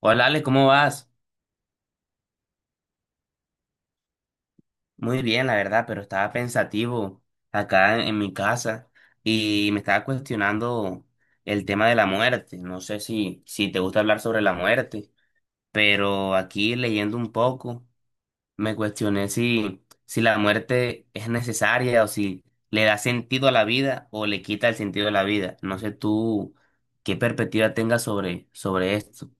Hola Ale, ¿cómo vas? Muy bien, la verdad, pero estaba pensativo acá en mi casa y me estaba cuestionando el tema de la muerte. No sé si te gusta hablar sobre la muerte, pero aquí leyendo un poco me cuestioné si la muerte es necesaria o si le da sentido a la vida o le quita el sentido a la vida. No sé tú qué perspectiva tengas sobre esto.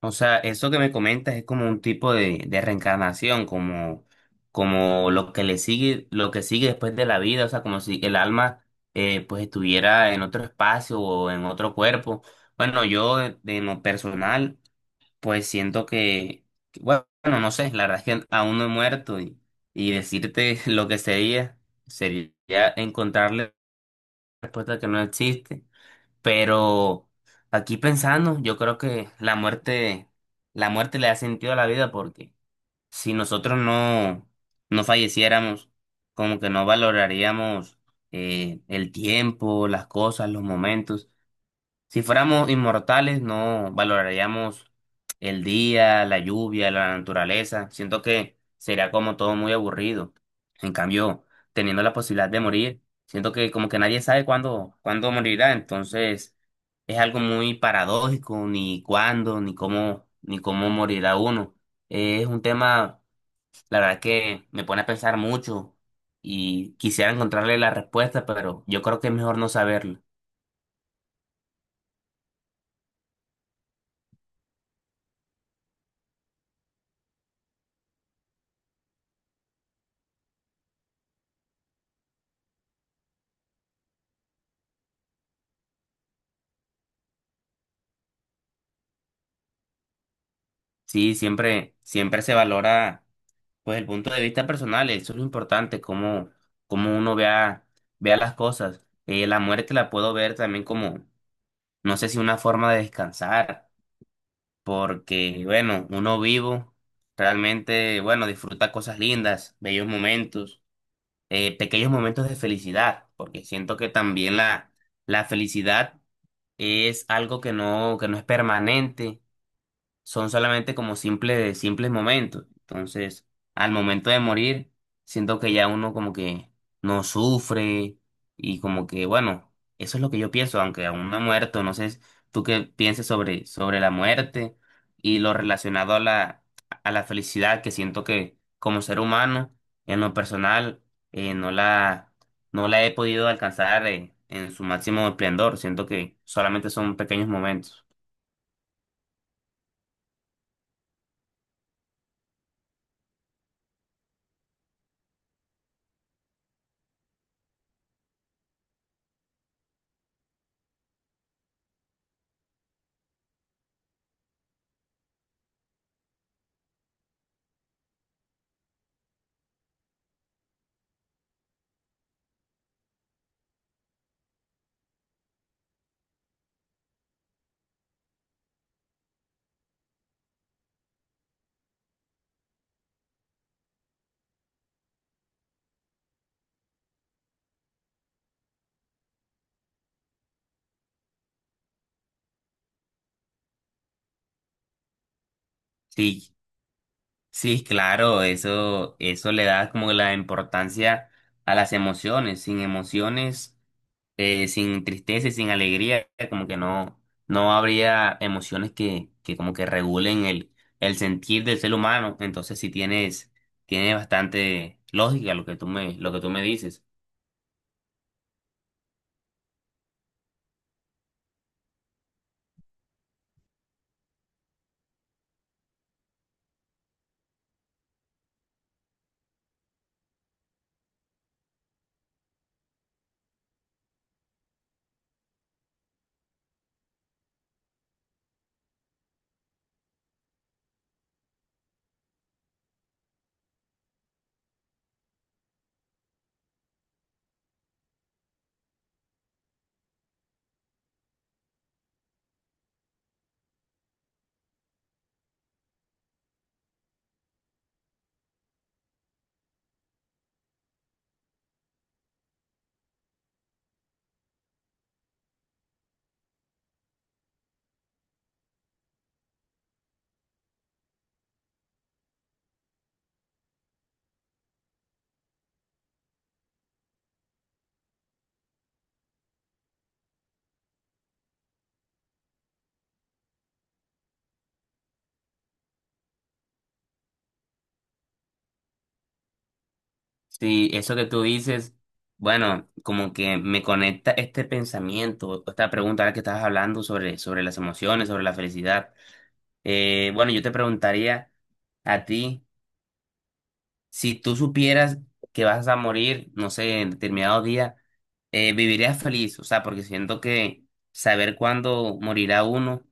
O sea, eso que me comentas es como un tipo de reencarnación, como, como lo que le sigue, lo que sigue después de la vida, o sea, como si el alma pues estuviera en otro espacio o en otro cuerpo. Bueno, yo de lo personal, pues siento que, bueno, no sé, la verdad es que aún no he muerto y decirte lo que sería, sería encontrarle respuesta que no existe. Pero aquí pensando, yo creo que la muerte le da sentido a la vida porque si nosotros no falleciéramos, como que no valoraríamos el tiempo, las cosas, los momentos. Si fuéramos inmortales, no valoraríamos el día, la lluvia, la naturaleza. Siento que sería como todo muy aburrido. En cambio, teniendo la posibilidad de morir, siento que como que nadie sabe cuándo morirá. Entonces, es algo muy paradójico, ni cuándo, ni cómo, ni cómo morirá uno. Es un tema, la verdad que me pone a pensar mucho y quisiera encontrarle la respuesta, pero yo creo que es mejor no saberlo. Sí, siempre, siempre se valora pues el punto de vista personal, eso es lo importante, cómo, cómo uno vea, vea las cosas. La muerte la puedo ver también como, no sé si una forma de descansar, porque bueno, uno vivo realmente, bueno, disfruta cosas lindas, bellos momentos, pequeños momentos de felicidad, porque siento que también la felicidad es algo que que no es permanente son solamente como simples, simples momentos. Entonces, al momento de morir, siento que ya uno como que no sufre y como que, bueno, eso es lo que yo pienso, aunque aún no he muerto, no sé tú qué pienses sobre la muerte y lo relacionado a la felicidad que siento que como ser humano, en lo personal, no la he podido alcanzar, en su máximo esplendor. Siento que solamente son pequeños momentos. Si, sí, claro, eso le da como la importancia a las emociones. Sin emociones, sin tristeza y sin alegría, como que no habría emociones que como que regulen el sentir del ser humano. Entonces sí tiene bastante lógica lo que tú me dices. Sí, eso que tú dices, bueno, como que me conecta este pensamiento, esta pregunta ahora que estabas hablando sobre las emociones, sobre la felicidad. Bueno, yo te preguntaría a ti, si tú supieras que vas a morir, no sé, en determinado día, ¿vivirías feliz? O sea, porque siento que saber cuándo morirá uno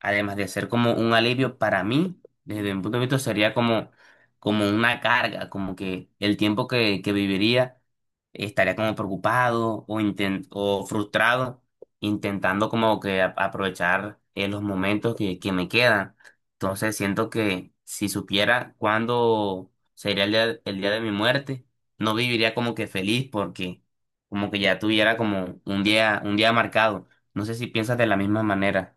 además de ser como un alivio para mí, desde mi punto de vista sería como, como una carga, como que el tiempo que viviría estaría como preocupado o frustrado, intentando como que aprovechar los momentos que me quedan. Entonces siento que si supiera cuándo sería el día de mi muerte, no viviría como que feliz porque como que ya tuviera como un día marcado. No sé si piensas de la misma manera.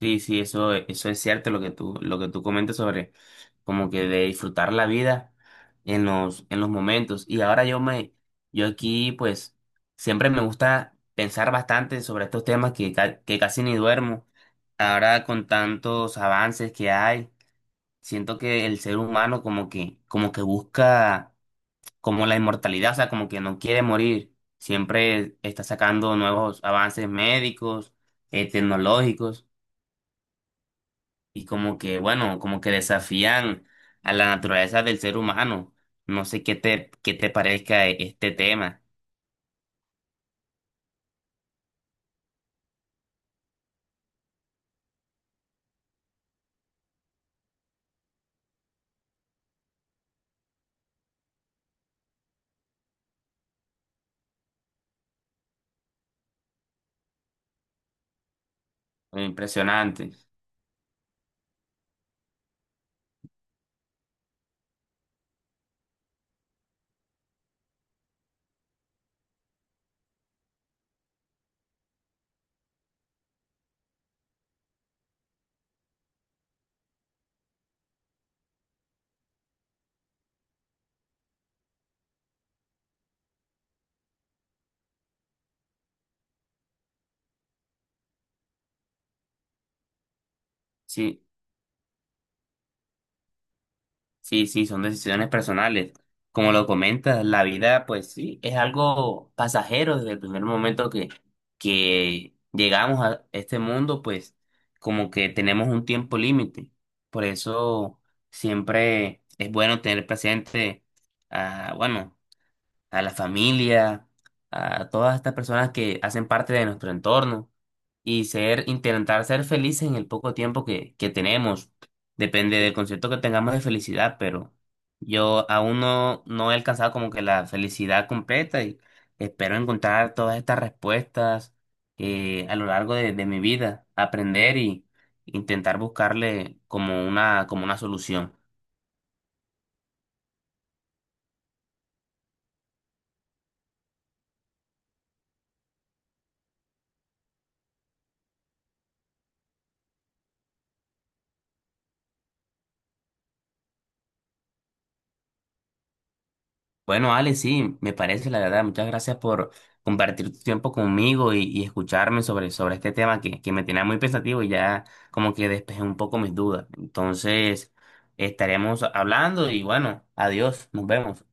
Sí, sí, eso es cierto lo que tú comentas sobre como que de disfrutar la vida en los momentos. Y ahora yo yo aquí pues siempre me gusta pensar bastante sobre estos temas que casi ni duermo. Ahora con tantos avances que hay, siento que el ser humano como que busca como la inmortalidad, o sea, como que no quiere morir. Siempre está sacando nuevos avances médicos, tecnológicos y como que, bueno, como que desafían a la naturaleza del ser humano. No sé qué te parezca este tema. Impresionante. Sí, sí, sí, son decisiones personales. Como lo comentas, la vida, pues sí, es algo pasajero desde el primer momento que llegamos a este mundo, pues como que tenemos un tiempo límite. Por eso siempre es bueno tener presente, ah, bueno, a la familia, a todas estas personas que hacen parte de nuestro entorno y ser, intentar ser felices en el poco tiempo que tenemos. Depende del concepto que tengamos de felicidad, pero yo aún no he alcanzado como que la felicidad completa y espero encontrar todas estas respuestas a lo largo de mi vida, aprender y intentar buscarle como una solución. Bueno, Ale, sí, me parece, la verdad. Muchas gracias por compartir tu tiempo conmigo y escucharme sobre este tema que me tenía muy pensativo y ya como que despejé un poco mis dudas. Entonces, estaremos hablando y bueno, adiós, nos vemos.